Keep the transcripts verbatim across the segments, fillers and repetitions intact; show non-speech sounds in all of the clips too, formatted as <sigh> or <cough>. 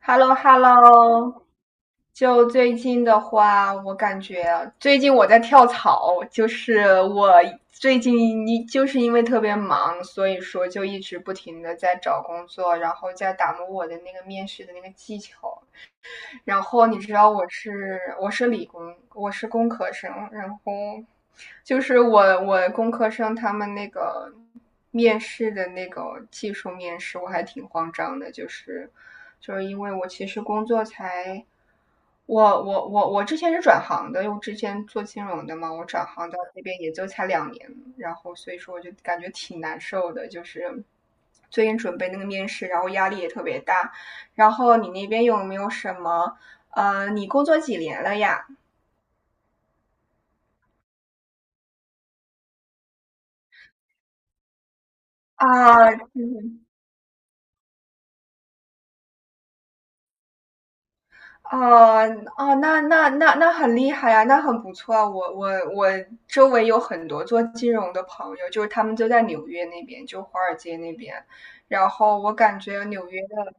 h e l l o h e l l o 就最近的话，我感觉最近我在跳槽，就是我最近一就是因为特别忙，所以说就一直不停的在找工作，然后在打磨我的那个面试的那个技巧。然后你知道我是我是理工，我是工科生，然后就是我我工科生他们那个面试的那个技术面试，我还挺慌张的，就是就是因为我其实工作才。我我我我之前是转行的，因为我之前做金融的嘛，我转行到那边也就才两年，然后所以说我就感觉挺难受的，就是最近准备那个面试，然后压力也特别大。然后你那边有没有什么呃，你工作几年了呀？啊，嗯，哦。哦，那那那那很厉害呀，那很不错啊。我我我周围有很多做金融的朋友，就是他们就在纽约那边，就华尔街那边。然后我感觉纽约的，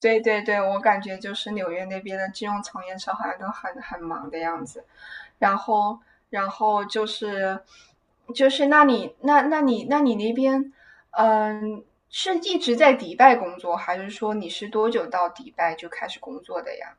对对对，我感觉就是纽约那边的金融从业者好像都很很忙的样子。然后，然后就是，就是那你那那你那你那边嗯、呃是一直在迪拜工作，还是说你是多久到迪拜就开始工作的呀？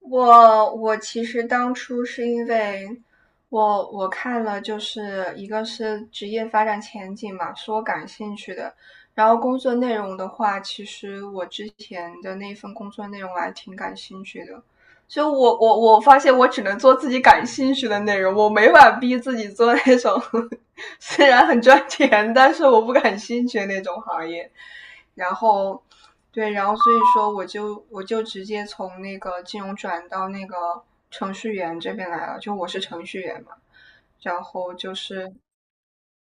我我其实当初是因为我我看了，就是一个是职业发展前景嘛，是我感兴趣的。然后工作内容的话，其实我之前的那份工作内容我还挺感兴趣的。就我我我发现我只能做自己感兴趣的内容，我没法逼自己做那种 <laughs> 虽然很赚钱，但是我不感兴趣的那种行业。然后对，然后所以说我就我就直接从那个金融转到那个程序员这边来了，就我是程序员嘛，然后就是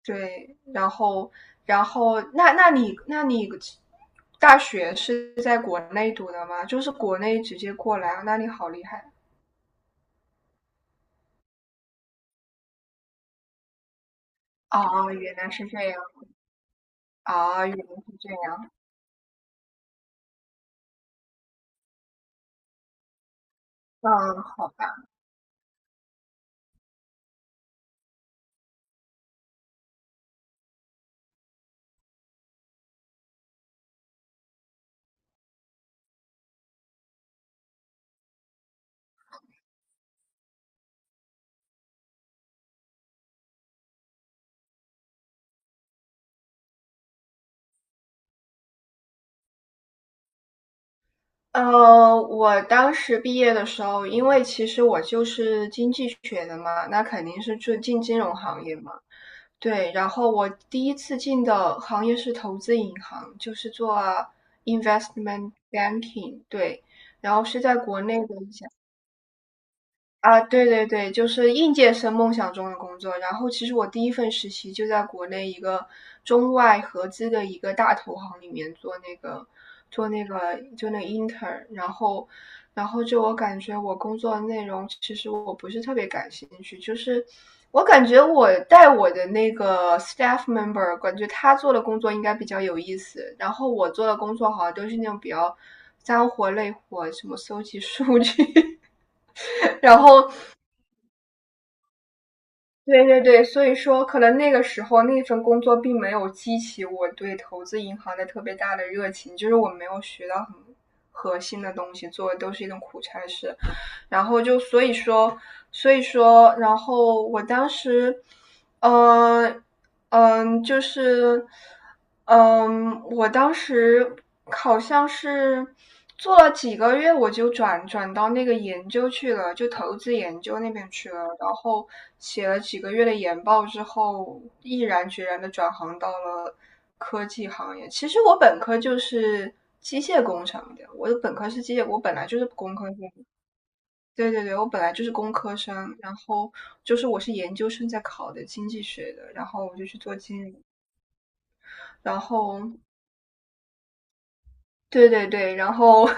对，然后，然后那那你那你大学是在国内读的吗？就是国内直接过来，那你好厉害啊！哦，原来是这样啊，原来是这样，嗯，好吧。呃，我当时毕业的时候，因为其实我就是经济学的嘛，那肯定是就进金融行业嘛。对，然后我第一次进的行业是投资银行，就是做 investment banking。对，然后是在国内的一家，啊，对对对，就是应届生梦想中的工作。然后其实我第一份实习就在国内一个中外合资的一个大投行里面做那个做那个就那个 intern，然后，然后就我感觉我工作的内容其实我不是特别感兴趣，就是我感觉我带我的那个 staff member，感觉他做的工作应该比较有意思，然后我做的工作好像都是那种比较。脏活累活，什么搜集数据，<laughs> 然后对对对，所以说可能那个时候那份工作并没有激起我对投资银行的特别大的热情，就是我没有学到很核心的东西，做的都是一种苦差事。然后就所以说，所以说，然后我当时，嗯、嗯、呃呃就是，嗯、呃我当时好像是做了几个月，我就转转到那个研究去了，就投资研究那边去了。然后写了几个月的研报之后，毅然决然的转行到了科技行业。其实我本科就是机械工程的，我的本科是机械，我本来就是工科生。对对对，我本来就是工科生，然后就是我是研究生在考的经济学的，然后我就去做经理，然后，对对对，然后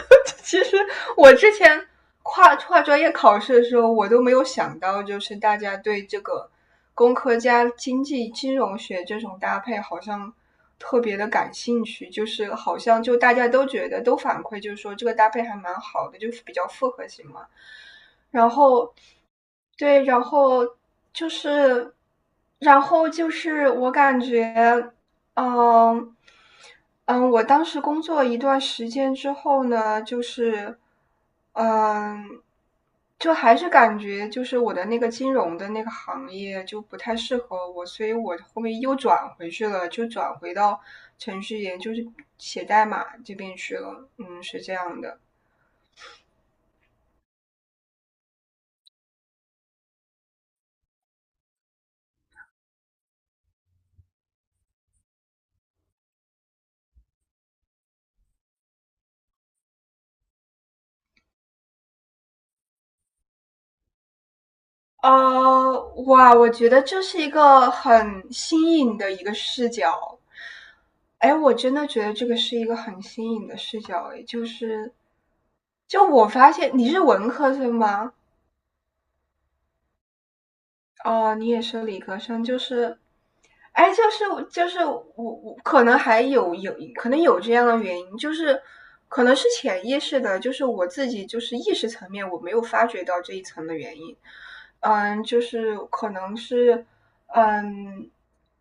<laughs> 其实我之前跨跨专业考试的时候，我都没有想到，就是大家对这个工科加经济金融学这种搭配好像特别的感兴趣，就是好像就大家都觉得都反馈，就是说这个搭配还蛮好的，就是比较复合型嘛。然后对，然后就是，然后就是我感觉。嗯，嗯，我当时工作一段时间之后呢，就是，嗯，就还是感觉就是我的那个金融的那个行业就不太适合我，所以我后面又转回去了，就转回到程序员，就是写代码这边去了。嗯，是这样的。呃，哇，我觉得这是一个很新颖的一个视角。哎，我真的觉得这个是一个很新颖的视角，哎，就是，就我发现你是文科生吗？哦，你也是理科生，就是，哎，就是，就是我我可能还有有可能有这样的原因，就是可能是潜意识的，就是我自己就是意识层面我没有发觉到这一层的原因，嗯，就是可能是，嗯。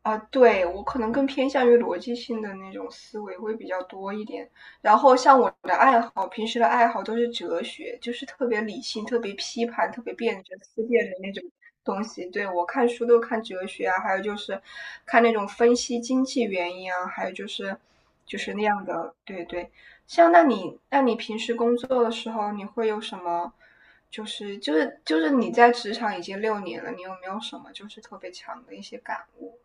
啊，对，我可能更偏向于逻辑性的那种思维会比较多一点，然后像我的爱好，平时的爱好都是哲学，就是特别理性、特别批判、特别辩证、思辨的那种东西。对，我看书都看哲学啊，还有就是看那种分析经济原因啊，还有就是就是那样的。对对，像那你那你平时工作的时候，你会有什么？就是就是就是你在职场已经六年了，你有没有什么就是特别强的一些感悟？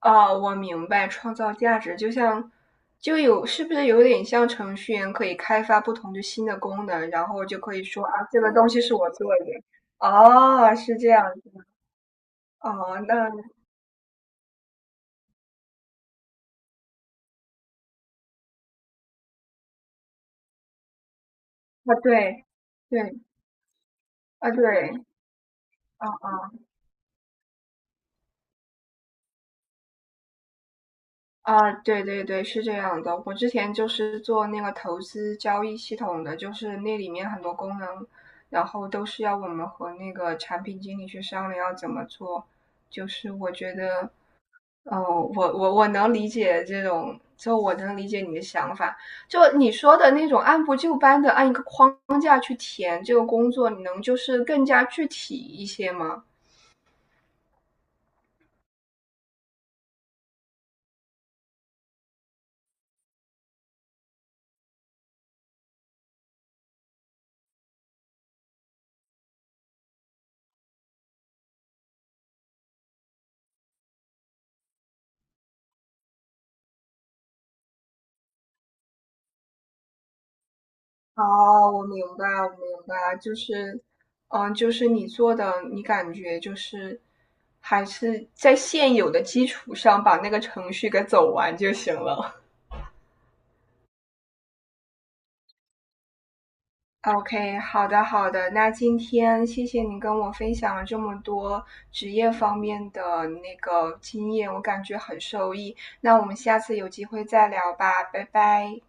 哦，我明白，创造价值就像，就有，是不是有点像程序员可以开发不同的新的功能，然后就可以说啊，这个东西是我做的。哦，是这样。哦，那，啊，对，对，啊，对，啊，啊，对对对，是这样的。我之前就是做那个投资交易系统的，就是那里面很多功能，然后都是要我们和那个产品经理去商量要怎么做。就是我觉得，哦，我我我能理解这种，就我能理解你的想法。就你说的那种按部就班的按一个框架去填这个工作，你能就是更加具体一些吗？哦，我明白，我明白，就是，嗯，就是你做的，你感觉就是还是在现有的基础上把那个程序给走完就行了。OK，好的好的，那今天谢谢你跟我分享了这么多职业方面的那个经验，我感觉很受益。那我们下次有机会再聊吧，拜拜。